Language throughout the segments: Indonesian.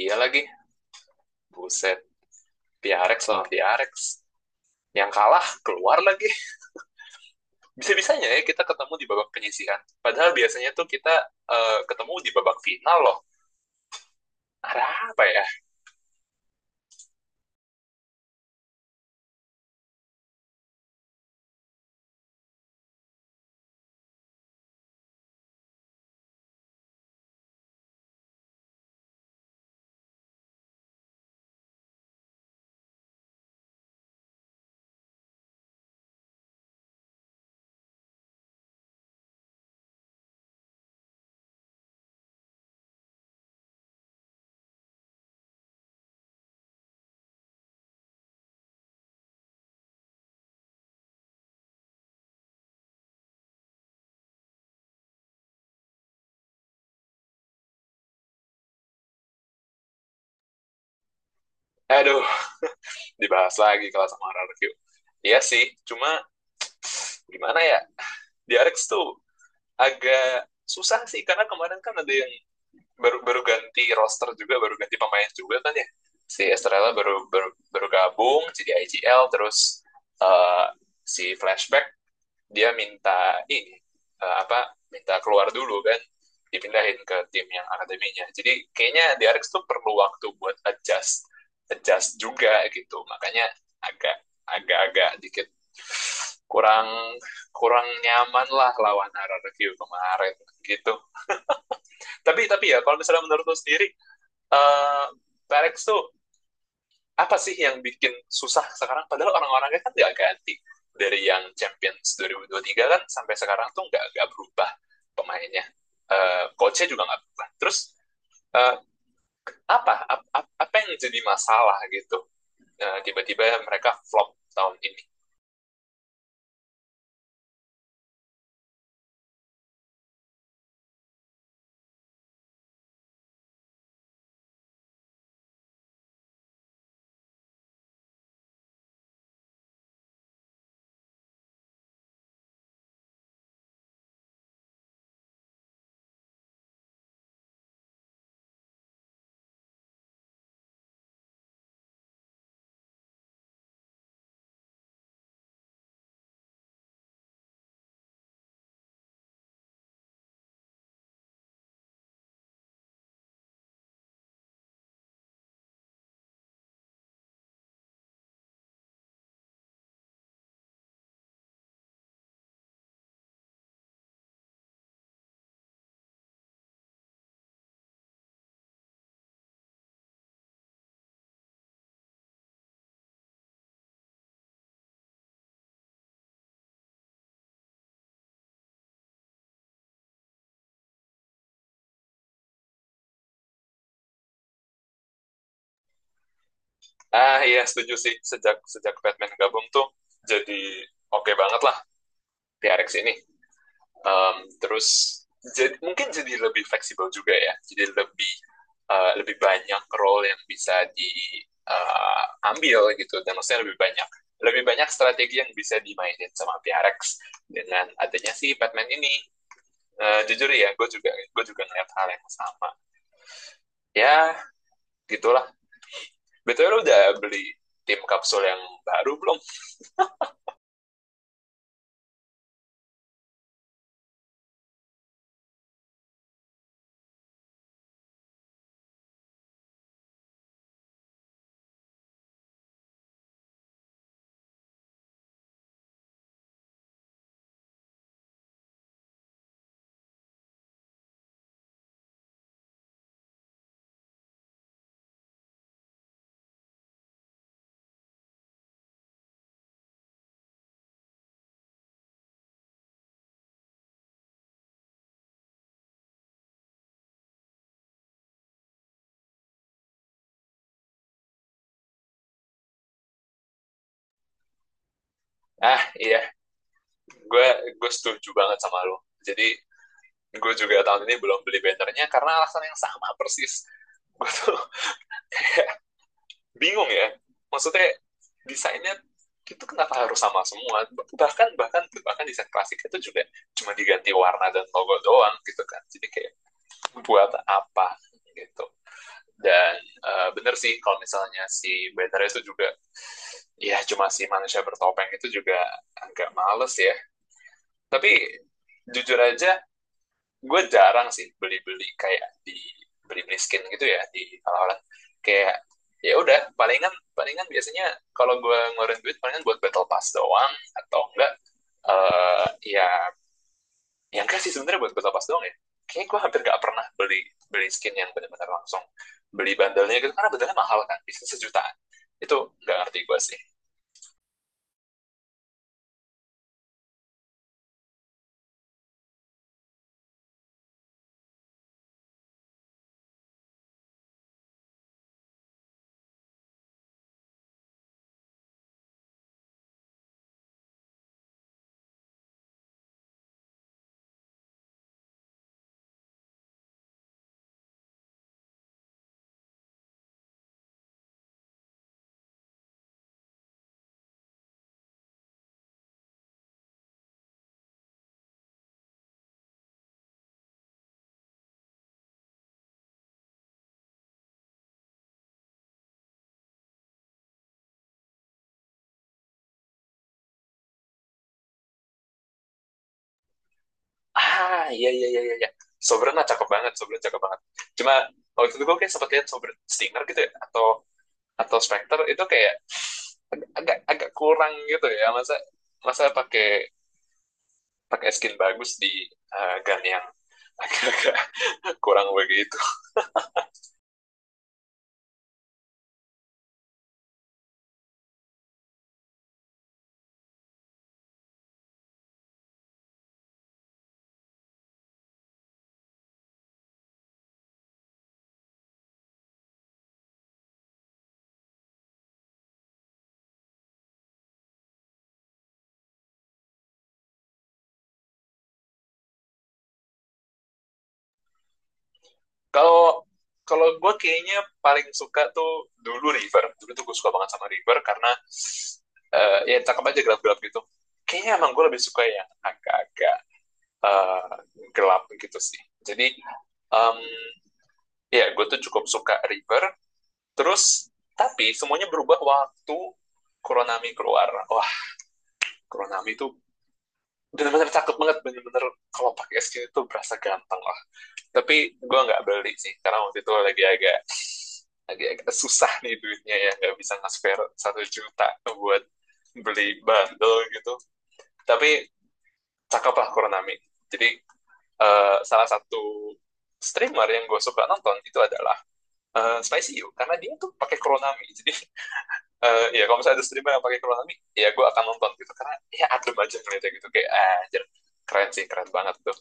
Iya lagi, buset, Piarex sama Piarex. Yang kalah keluar lagi. Bisa-bisanya ya kita ketemu di babak penyisihan. Padahal biasanya tuh kita ketemu di babak final loh. Ada apa ya? Aduh, dibahas lagi kalau sama RRQ. Iya sih, cuma gimana ya? Piarex tuh agak susah sih, karena kemarin kan ada yang baru baru ganti roster juga, baru ganti pemain juga kan ya. Si Estrella baru gabung, jadi IGL, terus eh, si Flashback dia minta ini eh, apa minta keluar dulu kan, dipindahin ke tim yang akademinya, jadi kayaknya di Diarex tuh perlu waktu buat adjust adjust juga gitu, makanya agak agak-agak dikit kurang kurang nyaman lah lawan RRQ kemarin gitu. Tapi ya, kalau misalnya menurut lu sendiri, eh Diarex tuh apa sih yang bikin susah sekarang? Padahal orang-orangnya kan nggak ganti. Dari yang Champions 2023 kan sampai sekarang tuh nggak berubah pemainnya. Coachnya juga nggak berubah. Terus, eh, apa, ap- apa yang jadi masalah gitu? Tiba-tiba mereka flop tahun ini. Ah iya, setuju sih, sejak sejak Batman gabung tuh jadi oke okay banget lah TRX ini. Terus jadi mungkin jadi lebih fleksibel juga ya. Jadi lebih lebih banyak role yang bisa diambil, gitu. Dan maksudnya lebih banyak, lebih banyak strategi yang bisa dimainin sama PRX dengan adanya si Batman ini. Jujur ya, gue juga ngeliat hal yang sama. Ya, gitulah. Betul, lu udah beli tim kapsul yang baru belum? Ah iya, gue gue setuju banget sama lo. Jadi gue juga tahun ini belum beli bannernya karena alasan yang sama persis. Gue tuh bingung ya, maksudnya desainnya itu kenapa harus sama semua. Bahkan bahkan bahkan desain klasik itu juga cuma diganti warna dan logo doang gitu kan, jadi kayak buat apa gitu. Dan bener sih kalau misalnya si banner itu juga ya cuma si manusia bertopeng itu juga, agak males ya. Tapi jujur aja, gue jarang sih beli-beli, kayak di beli-beli skin gitu ya di orang-orang, kayak ya udah, palingan palingan biasanya kalau gue ngeluarin duit palingan buat battle pass doang. Atau enggak, eh ya yang enggak sih, sebenarnya buat battle pass doang ya. Kayaknya gue hampir nggak pernah beli, beli skin yang benar-benar langsung beli bandelnya gitu, karena bandelnya mahal kan, bisa sejutaan itu. Nggak ngerti gue sih. Ah, iya, iya, iya, iya. Sobrana cakep banget, Sobrana cakep banget. Cuma waktu itu gue kayak sempat lihat Sobren Stinger gitu ya, atau Spectre itu kayak agak agak kurang gitu ya. Masa masa pakai pakai skin bagus di gun yang agak-agak kurang begitu. Kalau kalau gue kayaknya paling suka tuh dulu River. Dulu tuh gue suka banget sama River karena ya cakep aja, gelap-gelap gitu. Kayaknya emang gue lebih suka yang agak-agak eh, gelap gitu sih. Jadi, em, ya gue tuh cukup suka River. Terus, tapi semuanya berubah waktu Kuronami keluar. Wah, Kuronami itu benar-benar cakep banget, benar-benar. Kalau pakai skin itu berasa ganteng lah. Tapi gue nggak beli sih, karena waktu itu lagi agak, lagi agak susah nih duitnya ya. Nggak bisa nge-spare 1 juta buat beli bundle gitu. Tapi cakep lah Kuronami. Jadi, salah satu streamer yang gue suka nonton itu adalah Spicy You. Karena dia tuh pakai Kuronami. Jadi, ya kalau misalnya ada streamer yang pakai Kurosami, ya gue akan nonton gitu, karena ya adem aja ngeliatnya, gitu kayak ah anjir, keren sih, keren banget tuh.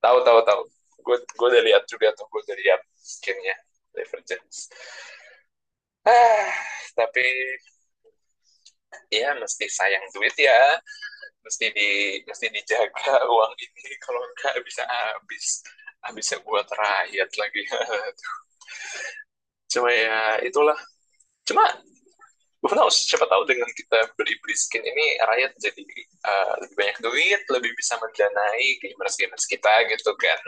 Tahu, tahu, tahu. Gue udah lihat juga tuh, gue udah lihat skinnya Divergence. Ah, tapi ya mesti sayang duit ya, mesti di mesti dijaga uang ini, kalau enggak bisa habis, habisnya buat rakyat lagi. Cuma ya itulah. Cuma who knows, siapa tahu dengan kita beli-beli skin ini rakyat jadi lebih banyak duit, lebih bisa mendanai gamers-gamers kita gitu kan.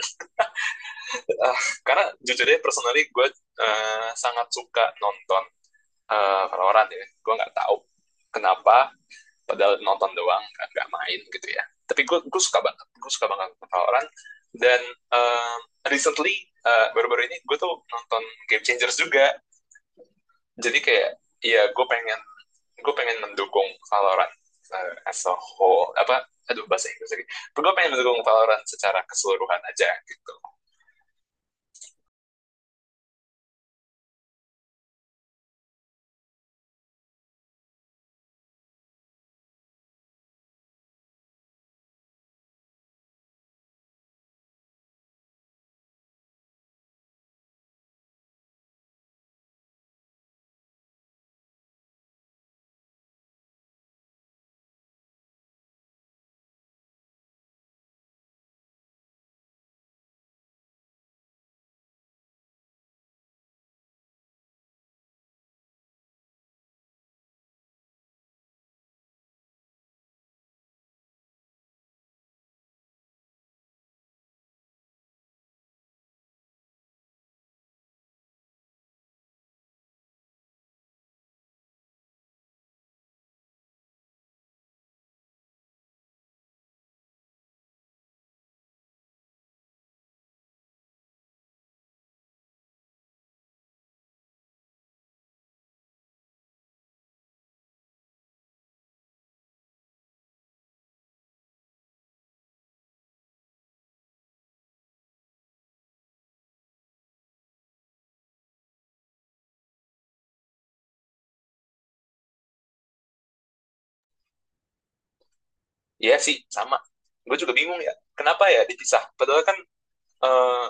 Uh, karena jujur deh, personally gue sangat suka nonton Valorant ya. Gue nggak tahu kenapa, padahal nonton doang, nggak main gitu ya. Tapi gue suka banget, gue suka banget Valorant. Dan uh, recently, baru -baru ini gue tuh nonton Game Changers juga. Jadi kayak ya gue pengen, gue pengen mendukung Valorant as a whole, apa, aduh bahasa Inggris lagi. Gue pengen mendukung Valorant secara keseluruhan aja gitu. Iya sih, sama. Gue juga bingung ya. Kenapa ya dipisah? Padahal kan eh,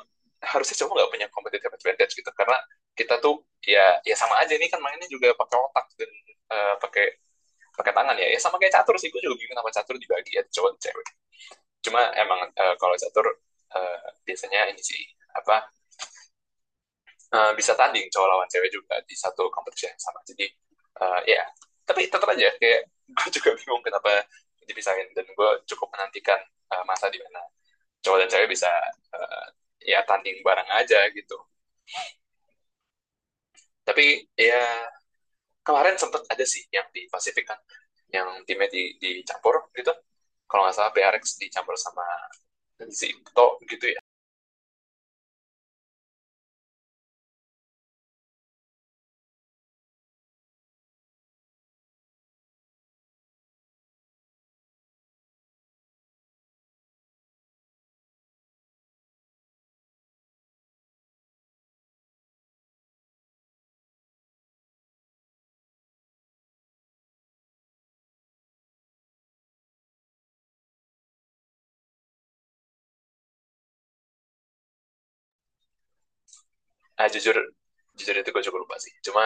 harusnya cowok nggak punya competitive advantage gitu, karena kita tuh ya sama aja. Ini kan mainnya juga pakai otak dan pakai, pakai tangan. Ya sama kayak catur sih, gue juga bingung sama catur dibagi ya cowok dan cewek. Cuma emang kalau catur eh, biasanya ini sih apa, bisa tanding cowok lawan cewek juga di satu kompetisi yang sama. Jadi ya tapi tetap aja kayak gue juga bingung kenapa dipisahin. Dan gue cukup menantikan masa di mana cowok dan cewek bisa eh, ya tanding bareng aja gitu. Tapi ya kemarin sempet ada sih yang di Pasifik kan, yang timnya di, dicampur gitu. Kalau nggak salah PRX dicampur sama Zipto gitu ya. Nah jujur, jujur itu gue juga lupa sih. Cuma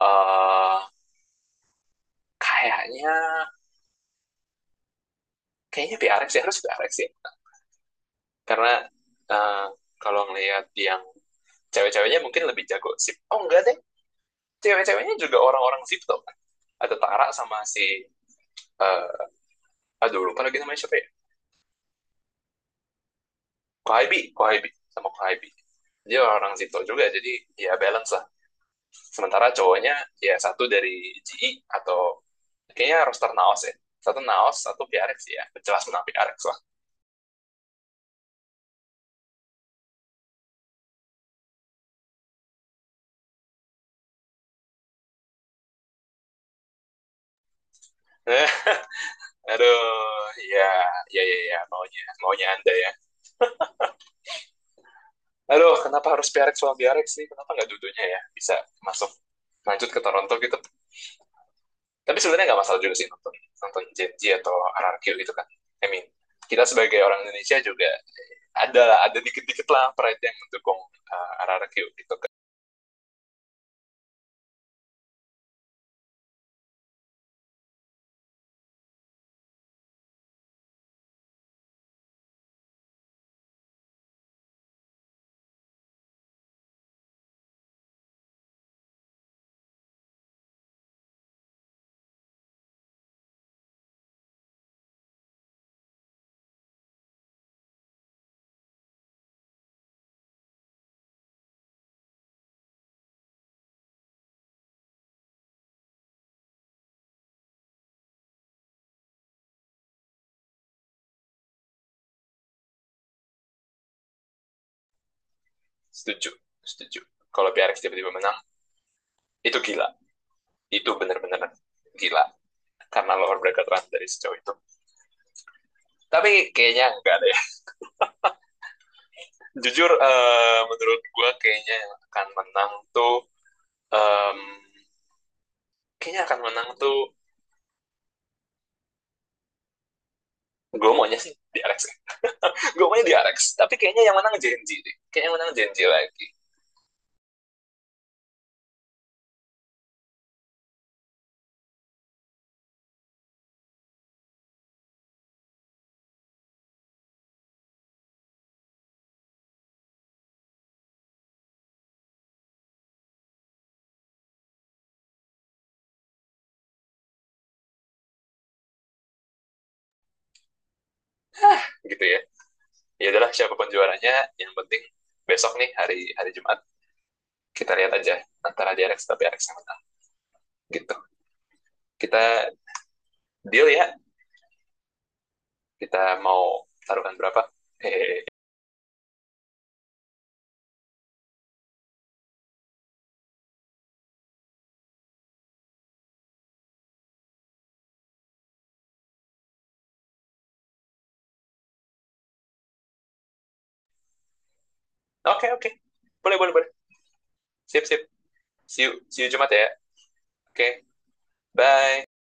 eh, kayaknya, kayaknya PRX ya, harus PRX ya. Karena eh, kalau ngelihat yang cewek-ceweknya mungkin lebih jago, sip. Oh enggak deh, cewek-ceweknya juga orang-orang Zipto kan. Ada Tara sama si, eh aduh lupa lagi namanya siapa ya? Kohaibi, Kohaibi sama Kohaibi. Dia orang Zito juga, jadi ya balance lah. Sementara cowoknya ya satu dari GI atau kayaknya roster Naos ya. Satu Naos, satu PRX ya. Jelas menang PRX lah. Aduh, ya, ya, ya, ya, maunya Anda ya. Aduh, kenapa harus PRX sama BRX sih? Kenapa nggak dudunya ya? Bisa masuk, lanjut ke Toronto gitu. Tapi sebenarnya nggak masalah juga sih nonton, nonton JNJ atau RRQ gitu kan. I mean, kita sebagai orang Indonesia juga ada ada dikit-dikit lah pride yang mendukung RRQ gitu kan. Setuju, setuju. Kalau PRX tiba-tiba menang, itu gila. Itu benar-benar gila. Karena lower bracket run dari sejauh itu. Tapi kayaknya enggak deh. Jujur, menurut gue kayaknya yang akan menang tuh, em, kayaknya akan menang tuh, gue maunya sih di Alex, gue punya di Arex, tapi kayaknya yang menang Genji deh, kayaknya yang menang Genji lagi gitu Ya adalah, siapapun juaranya yang penting. Besok nih hari, hari Jumat kita lihat aja, antara di Arex tapi Arex yang menang gitu. Kita deal ya, kita mau taruhkan berapa, hehehe oke oke, boleh boleh boleh, sip sip, see you Jumat ya, oke, bye.